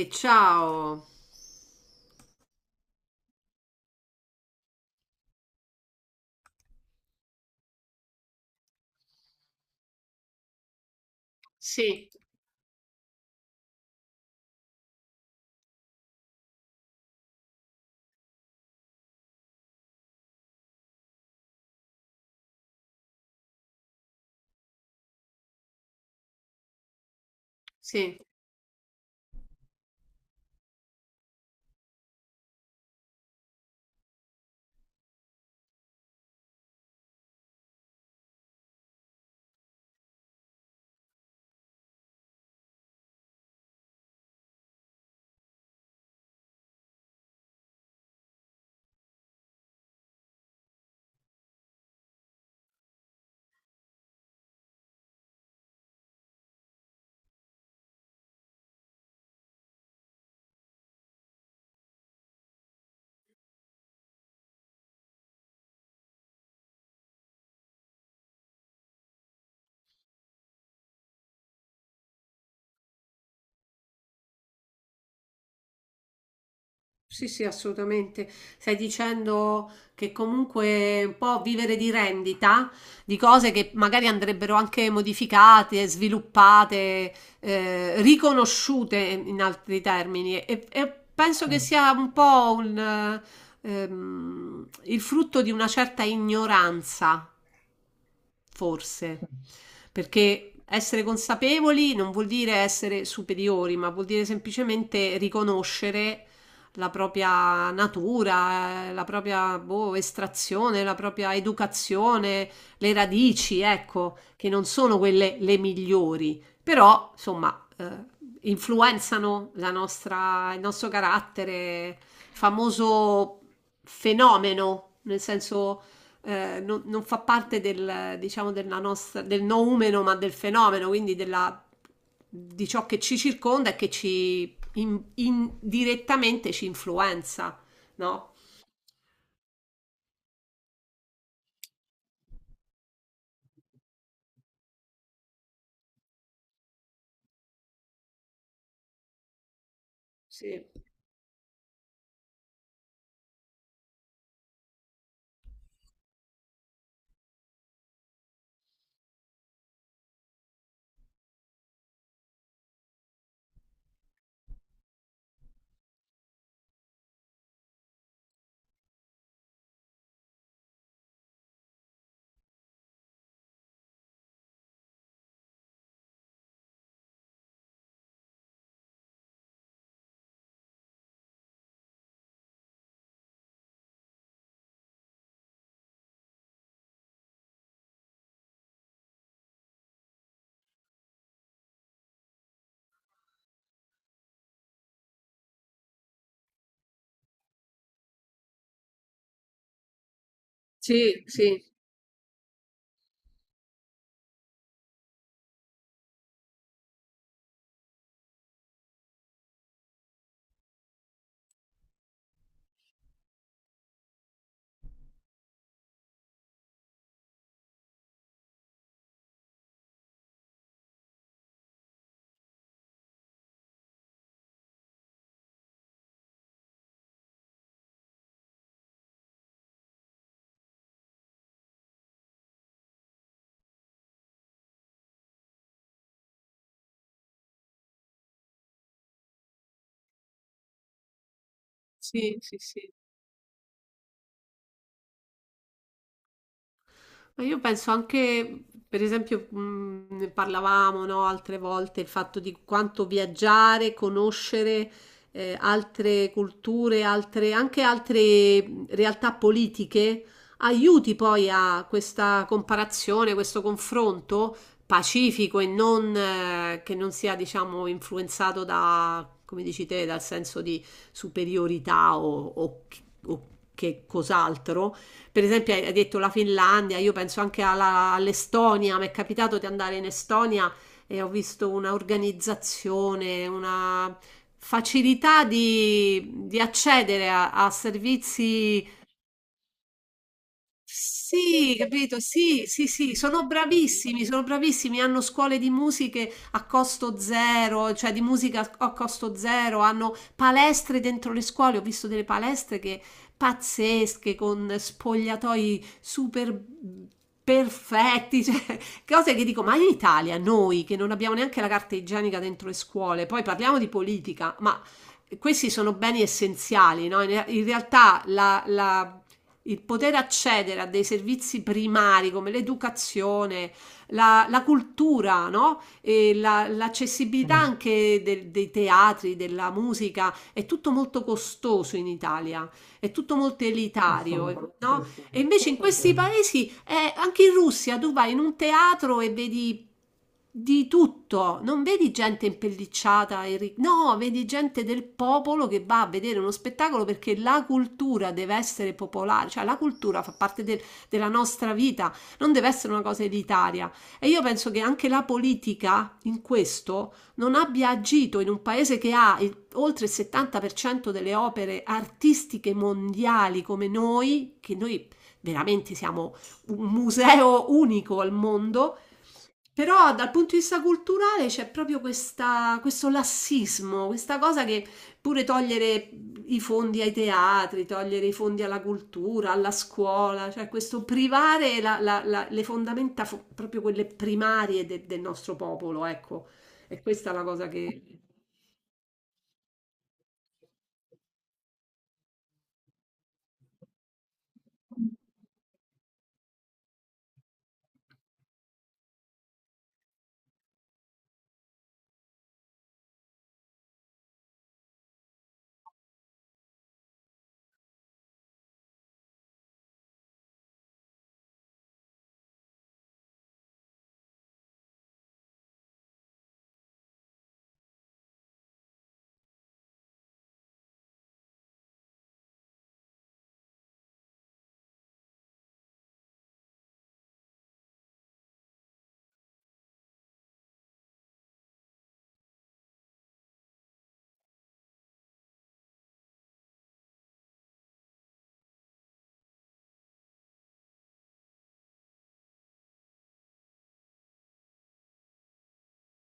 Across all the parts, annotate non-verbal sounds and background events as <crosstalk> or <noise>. E ciao. Sì, Sì, sì, sì, assolutamente. Stai dicendo che comunque un po' vivere di rendita di cose che magari andrebbero anche modificate, sviluppate, riconosciute in altri termini. E penso che sia un po' il frutto di una certa ignoranza. Forse, perché essere consapevoli non vuol dire essere superiori, ma vuol dire semplicemente riconoscere la propria natura, la propria boh, estrazione, la propria educazione, le radici, ecco, che non sono quelle le migliori, però insomma influenzano la nostra, il nostro carattere, famoso fenomeno, nel senso non fa parte del, diciamo, della nostra, del noumeno, ma del fenomeno, quindi della, di ciò che ci circonda e che ci indirettamente ci influenza, no? Sì, sì, sì, sì, sì, sì. Ma io penso anche, per esempio, ne parlavamo, no, altre volte, il fatto di quanto viaggiare, conoscere altre culture, anche altre realtà politiche, aiuti poi a questa comparazione, questo confronto pacifico e non, che non sia, diciamo, influenzato da, come dici te, dal senso di superiorità o che cos'altro, per esempio hai detto la Finlandia, io penso anche all'Estonia, mi è capitato di andare in Estonia e ho visto una organizzazione, una facilità di accedere a servizi, sì, capito? Sì, sì, sì, sono bravissimi, hanno scuole di musiche a costo zero, cioè di musica a costo zero, hanno palestre dentro le scuole, ho visto delle palestre che pazzesche, con spogliatoi super perfetti, <laughs> cioè, cose che dico, ma in Italia noi che non abbiamo neanche la carta igienica dentro le scuole, poi parliamo di politica, ma questi sono beni essenziali, no? In realtà il poter accedere a dei servizi primari come l'educazione, la cultura, no? E l'accessibilità anche dei teatri, della musica, è tutto molto costoso in Italia, è tutto molto elitario, no? E invece in questi paesi, anche in Russia, tu vai in un teatro e vedi di tutto, non vedi gente impellicciata, e no, vedi gente del popolo che va a vedere uno spettacolo, perché la cultura deve essere popolare, cioè la cultura fa parte della nostra vita, non deve essere una cosa elitaria. E io penso che anche la politica in questo non abbia agito, in un paese che ha oltre il 70% delle opere artistiche mondiali come noi, che noi veramente siamo un museo unico al mondo, però dal punto di vista culturale c'è proprio questo lassismo, questa cosa che pure togliere i fondi ai teatri, togliere i fondi alla cultura, alla scuola, cioè questo privare le fondamenta, proprio quelle primarie del nostro popolo, ecco. E questa è la cosa che...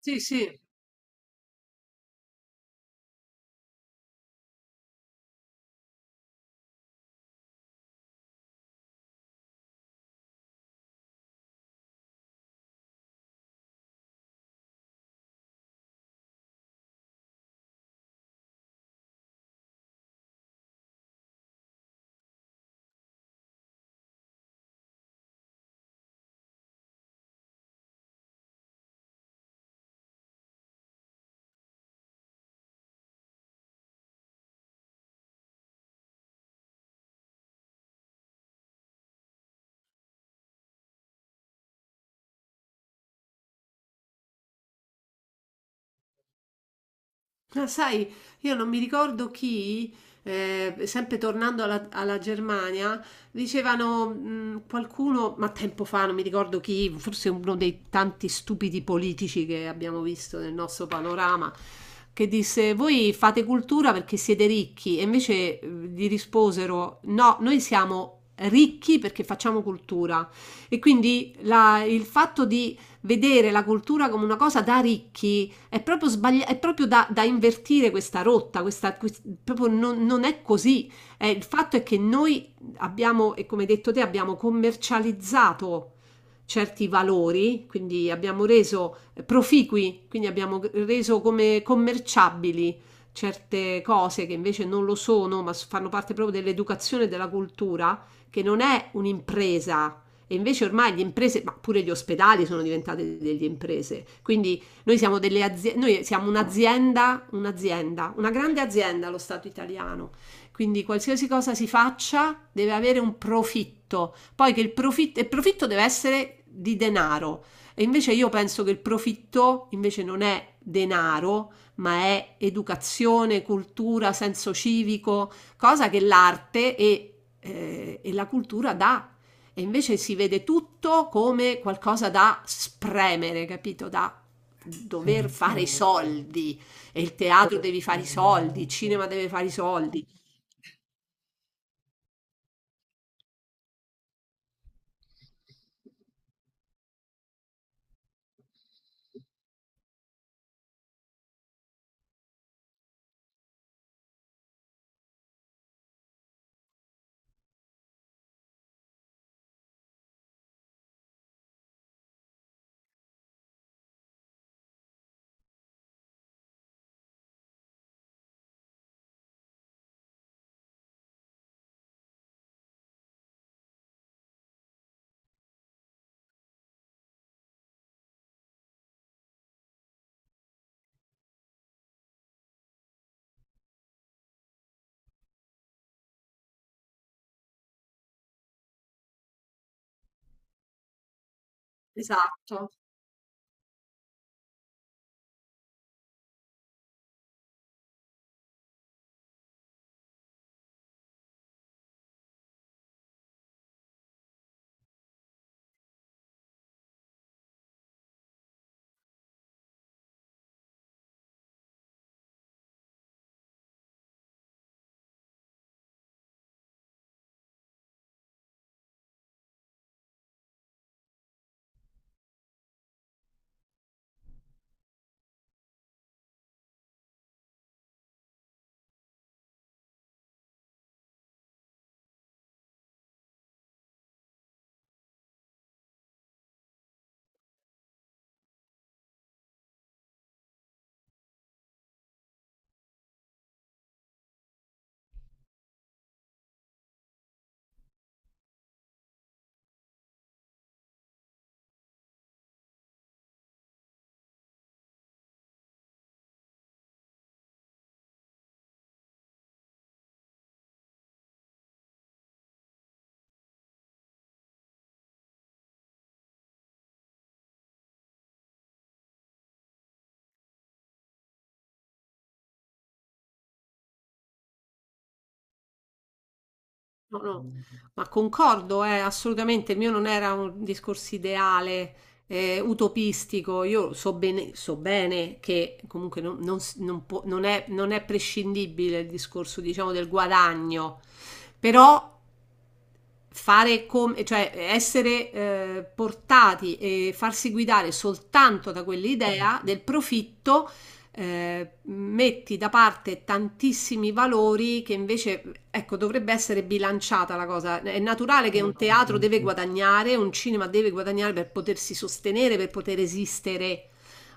Sì, sì. Ma sai, io non mi ricordo chi, sempre tornando alla Germania, dicevano, qualcuno, ma tempo fa, non mi ricordo chi, forse uno dei tanti stupidi politici che abbiamo visto nel nostro panorama, che disse: "Voi fate cultura perché siete ricchi", e invece gli risposero: "No, noi siamo ricchi perché facciamo cultura". E quindi il fatto di vedere la cultura come una cosa da ricchi è proprio, è proprio da invertire, questa rotta, proprio non è così. Il fatto è che noi abbiamo, e come hai detto te, abbiamo commercializzato certi valori, quindi abbiamo reso proficui, quindi abbiamo reso come commerciabili certe cose che invece non lo sono, ma fanno parte proprio dell'educazione e della cultura, che non è un'impresa. E invece ormai le imprese, ma pure gli ospedali sono diventate delle imprese. Quindi noi siamo delle aziende, noi siamo un'azienda, un'azienda, una grande azienda, lo Stato italiano. Quindi qualsiasi cosa si faccia deve avere un profitto. Poi che il profitto deve essere di denaro. E invece io penso che il profitto invece non è denaro, ma è educazione, cultura, senso civico, cosa che l'arte e la cultura dà. E invece si vede tutto come qualcosa da spremere, capito? Da dover fare i soldi, e il teatro devi fare i soldi, il cinema deve fare i soldi. Esatto. No, no, ma concordo, assolutamente, il mio non era un discorso ideale, utopistico, io so bene che comunque non è prescindibile il discorso, diciamo, del guadagno, però fare come, cioè essere portati e farsi guidare soltanto da quell'idea del profitto, metti da parte tantissimi valori che invece, ecco, dovrebbe essere bilanciata la cosa. È naturale che un teatro deve guadagnare, un cinema deve guadagnare per potersi sostenere, per poter esistere,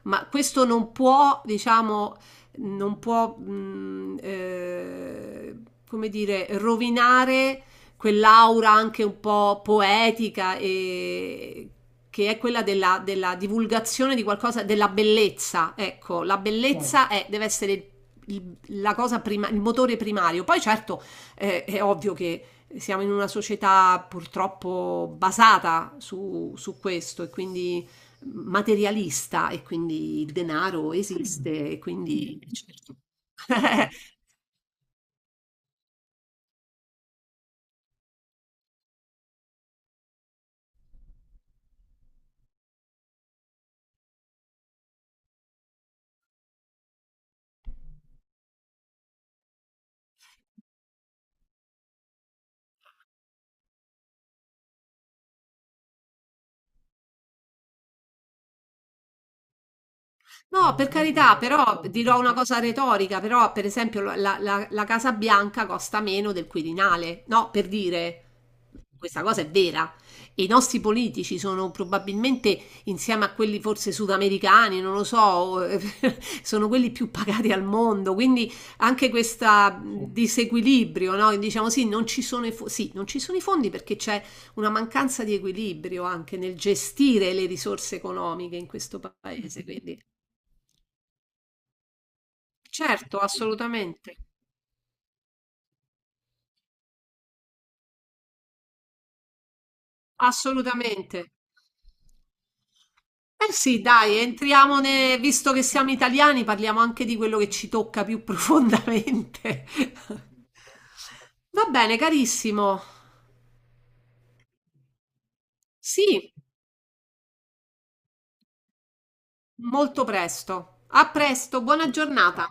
ma questo non può, diciamo, non può, come dire, rovinare quell'aura anche un po' poetica e che è quella della, della divulgazione di qualcosa, della bellezza. Ecco, la bellezza deve essere il, la cosa prima, il motore primario. Poi certo è ovvio che siamo in una società purtroppo basata su questo e quindi materialista e quindi il denaro esiste e quindi... Certo. <laughs> No, per carità, però dirò una cosa retorica, però per esempio la Casa Bianca costa meno del Quirinale, no, per dire, questa cosa è vera. E i nostri politici sono probabilmente, insieme a quelli forse sudamericani, non lo so, <laughs> sono quelli più pagati al mondo, quindi anche questo disequilibrio, no? Diciamo sì, non ci sono i sì, non ci sono i fondi perché c'è una mancanza di equilibrio anche nel gestire le risorse economiche in questo paese, quindi... Certo, assolutamente, assolutamente. Eh sì, dai, entriamo visto che siamo italiani, parliamo anche di quello che ci tocca più <laughs> profondamente. Va bene, carissimo. Sì, molto presto. A presto, buona giornata.